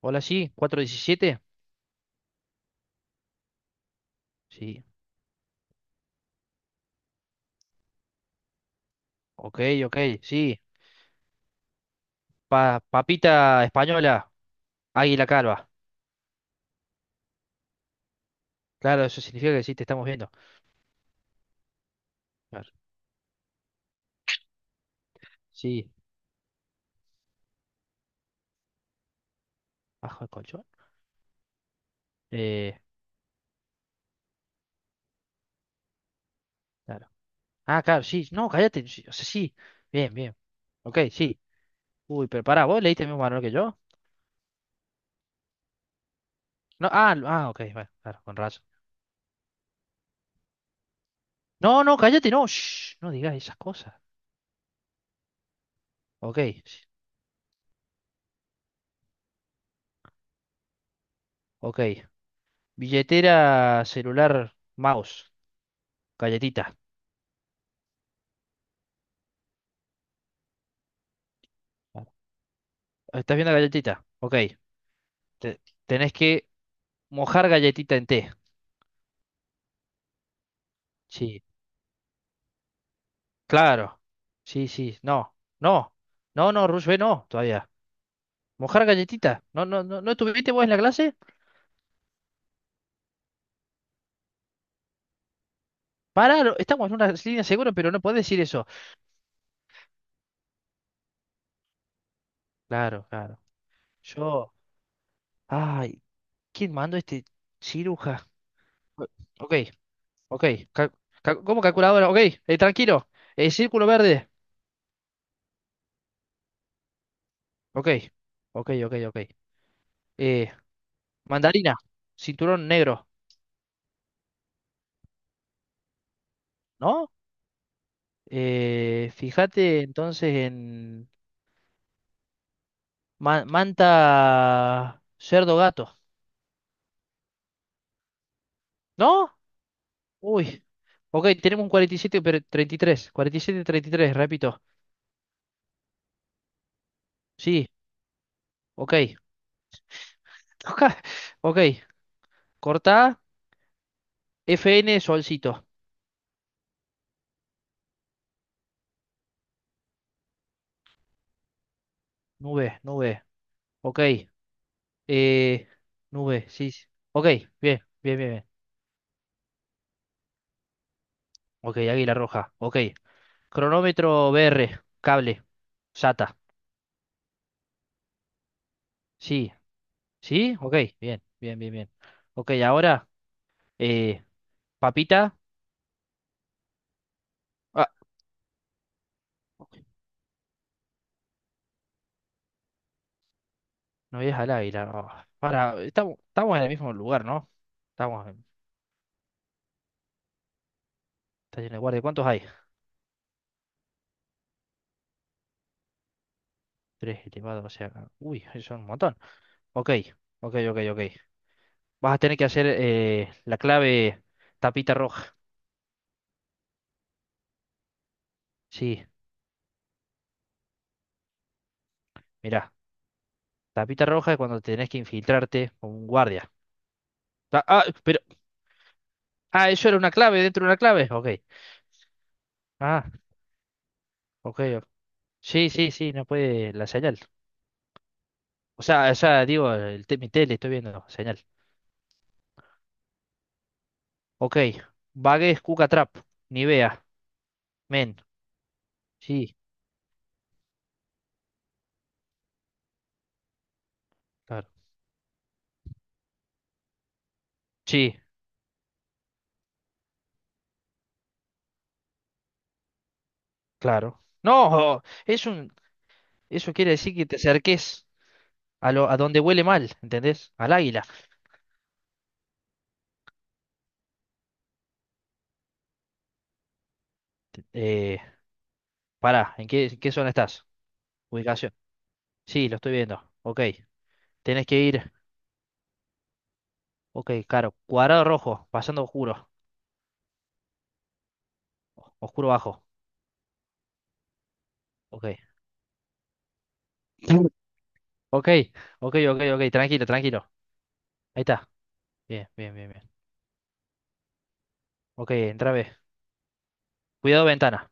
Hola, sí, 4-17. Sí, ok, ok, sí. Papita española, águila calva. Claro, eso significa que sí, te estamos viendo. Claro, sí, bajo el colchón. Eh, claro. Ah, claro, sí, no, cállate. Sí, o sea, sí, bien, bien. Ok, sí. Uy, pero pará, ¿vos leíste el mismo manual que yo? No, ah, ah, ok, bueno, claro, con razón. No, no, cállate, no, shh, no digas esas cosas. Ok, sí, ok. Billetera, celular, mouse, galletita. Claro. ¿Estás viendo galletita? Ok. Te- tenés que mojar galletita en té. Sí, claro. Sí, sí, no. No, no, no, Rushbe, no, todavía. Mojar galletita. No, no, no, ¿no estuviste vos en la clase? Pará, estamos en una línea segura, pero no podés decir eso. Claro, claro. Yo, ay, ¿quién mandó este ciruja? O- Ok, ok. ca- ¿Cómo calculadora? Ok, tranquilo. Círculo verde. Ok, ok, ok, ok. Eh, Mandarina, cinturón negro. ¿No? Fíjate entonces en Manta Cerdo Gato, ¿no? Uy, ok, tenemos un 47, pero 33-47, 33, repito. Sí, ok. Ok, cortá, FN Solcito, nube, nube, ok. Eh, Nube, sí, sí. Ok, bien, bien, bien, bien. Ok, Águila Roja, ok. Cronómetro BR, cable, SATA, sí, sí, ok, bien, bien, bien, bien. Ok, ahora. Eh, Papita. Ah, no veías al aire. Ah, para, estamos en el mismo lugar, ¿no? Estamos en estación de guardia. ¿Cuántos hay? Tres elevados, o sea. Uy, son un montón. Ok, ok, ok, ok. Vas a tener que hacer la clave tapita roja. Sí, mirá. Tapita roja es cuando tenés que infiltrarte con un guardia. Ah, ah, pero. Ah, eso era una clave dentro de una clave. Ok. Ah, ok, ok. Sí, sí, sí, no puede la señal. O sea, digo, el, mi tele estoy viendo señal. Ok. Vague es Cuca Trap. Nivea. Men. Sí, claro. Sí, claro. No, es un, eso quiere decir que te acerques a, lo, a donde huele mal, ¿entendés? Al águila. Eh, Pará, ¿en qué zona estás? Ubicación. Sí, lo estoy viendo. Ok. Tenés que ir. Ok, claro. Cuadrado rojo, pasando oscuro. Oscuro bajo. Ok. Ok, ok, ok, ok. Tranquilo, tranquilo. Ahí está. Bien, bien, bien, bien. Ok, entra B. Cuidado ventana.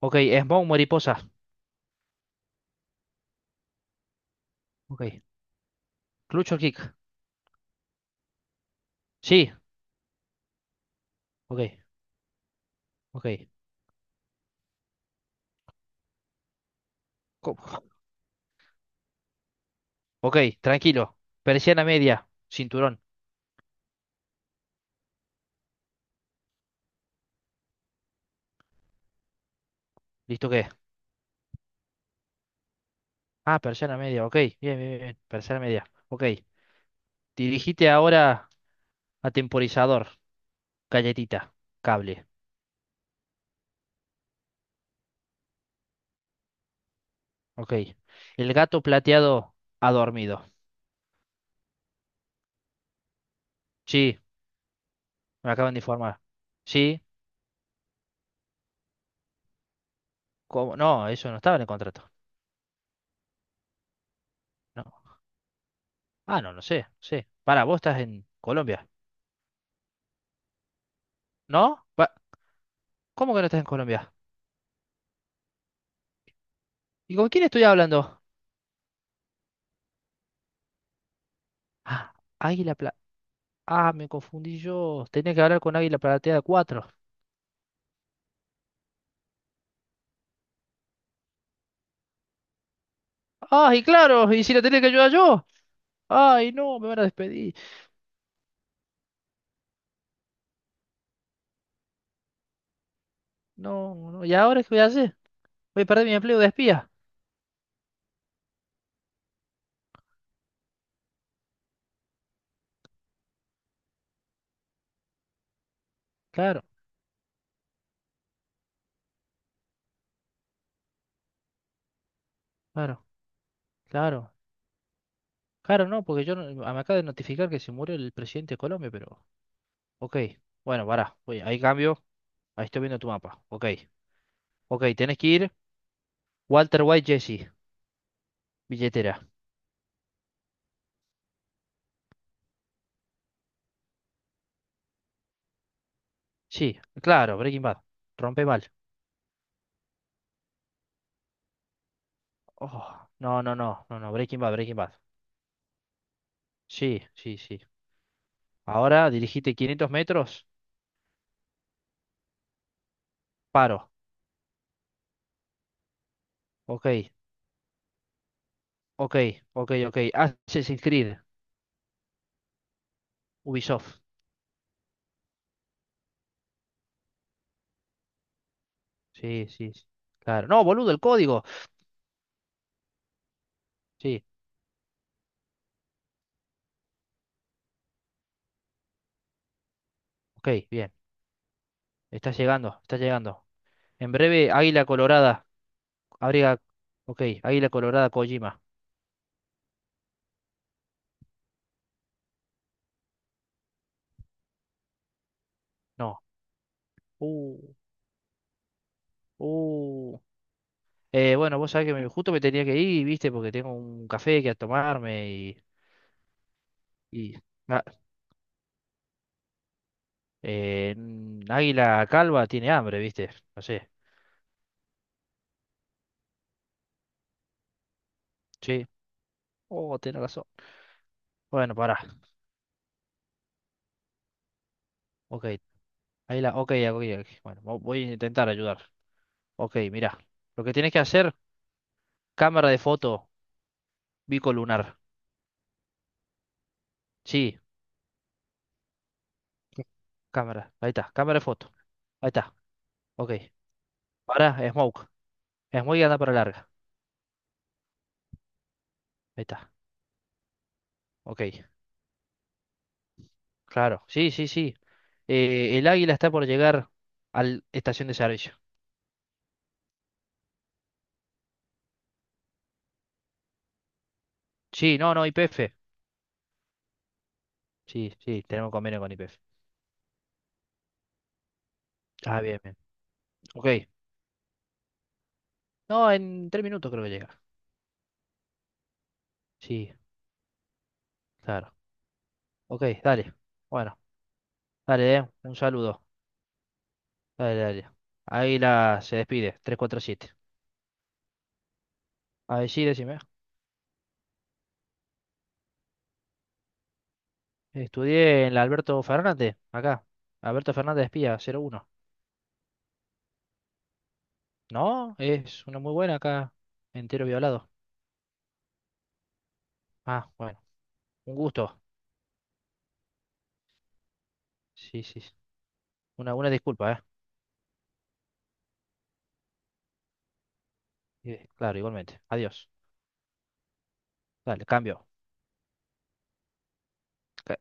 Ok, smoke mariposa. Ok. Clutch o kick. Sí, ok, ok. Co- Ok, tranquilo. Persiana media, cinturón. ¿Listo qué? Ah, persiana media, ok. Bien, bien, bien. Persiana media, ok. Dirigite ahora a temporizador, galletita, cable. Ok. El gato plateado ha dormido. Sí, me acaban de informar. Sí, ¿cómo? No, eso no estaba en el contrato. No. Ah, no, no sé, sí. Para, vos estás en Colombia. ¿No? ¿Cómo que no estás en Colombia? ¿Y con quién estoy hablando? Ah, Águila Plateada. Ah, me confundí yo. Tenía que hablar con Águila Platea 4. ¡Ay, claro! ¿Y si la tenía que ayudar yo? ¡Ay, no! Me van a despedir. No, no. ¿Y ahora qué voy a hacer? ¿Voy a perder mi empleo de espía? Claro, claro, claro. Claro, no, porque yo me acaba de notificar que se murió el presidente de Colombia, pero... Ok, bueno, pará. Voy, ahí cambio. Ahí estoy viendo tu mapa. Ok, ok, tenés que ir. Walter White Jesse, billetera. Sí, claro, Breaking Bad. Rompe mal. Oh, no, no, no, no, no, Breaking Bad, Breaking Bad. Sí, sí, sí. Ahora dirigite 500 metros, paro. Ok, ok, ok, ok. Assassin's Creed, Ubisoft. Sí, sí, sí. Claro. No, boludo, el código. Sí, ok, bien. Está llegando, está llegando. En breve, Águila Colorada. Abriga. Ok, Águila Colorada Kojima. No. Uh, uh. Bueno, vos sabés que justo me tenía que ir, viste, porque tengo un café que a tomarme y. Y ah, Águila Calva tiene hambre, viste. No sé. Sí. Oh, tenés razón. Bueno, pará. Ok. Ahí la. Ok, ok, ok. Bueno, voy a intentar ayudar. Ok, mirá. Lo que tienes que hacer, cámara de foto bicolunar. Sí, ¿qué? Cámara. Ahí está, cámara de foto. Ahí está. Ok. Pará, smoke. Smoke y anda para larga. Ahí está. Ok. Claro. Sí, sí, sí. El águila está por llegar a la estación de servicio. Sí, no, no, IPF. Sí, sí, tenemos convenio con IPF. Ah, bien, bien. Ok. No, en 3 minutos creo que llega. Sí, claro. Ok, dale. Bueno. Dale, un saludo. Dale, dale. Águila se despide, 347. A ver, sí, decime. Estudié en la Alberto Fernández, acá. Alberto Fernández Espía, 01. No, es una muy buena acá, entero violado. Ah, bueno, un gusto. Sí, sí, sí. Una disculpa, ¿eh? Claro, igualmente. Adiós. Dale, cambio. Ca-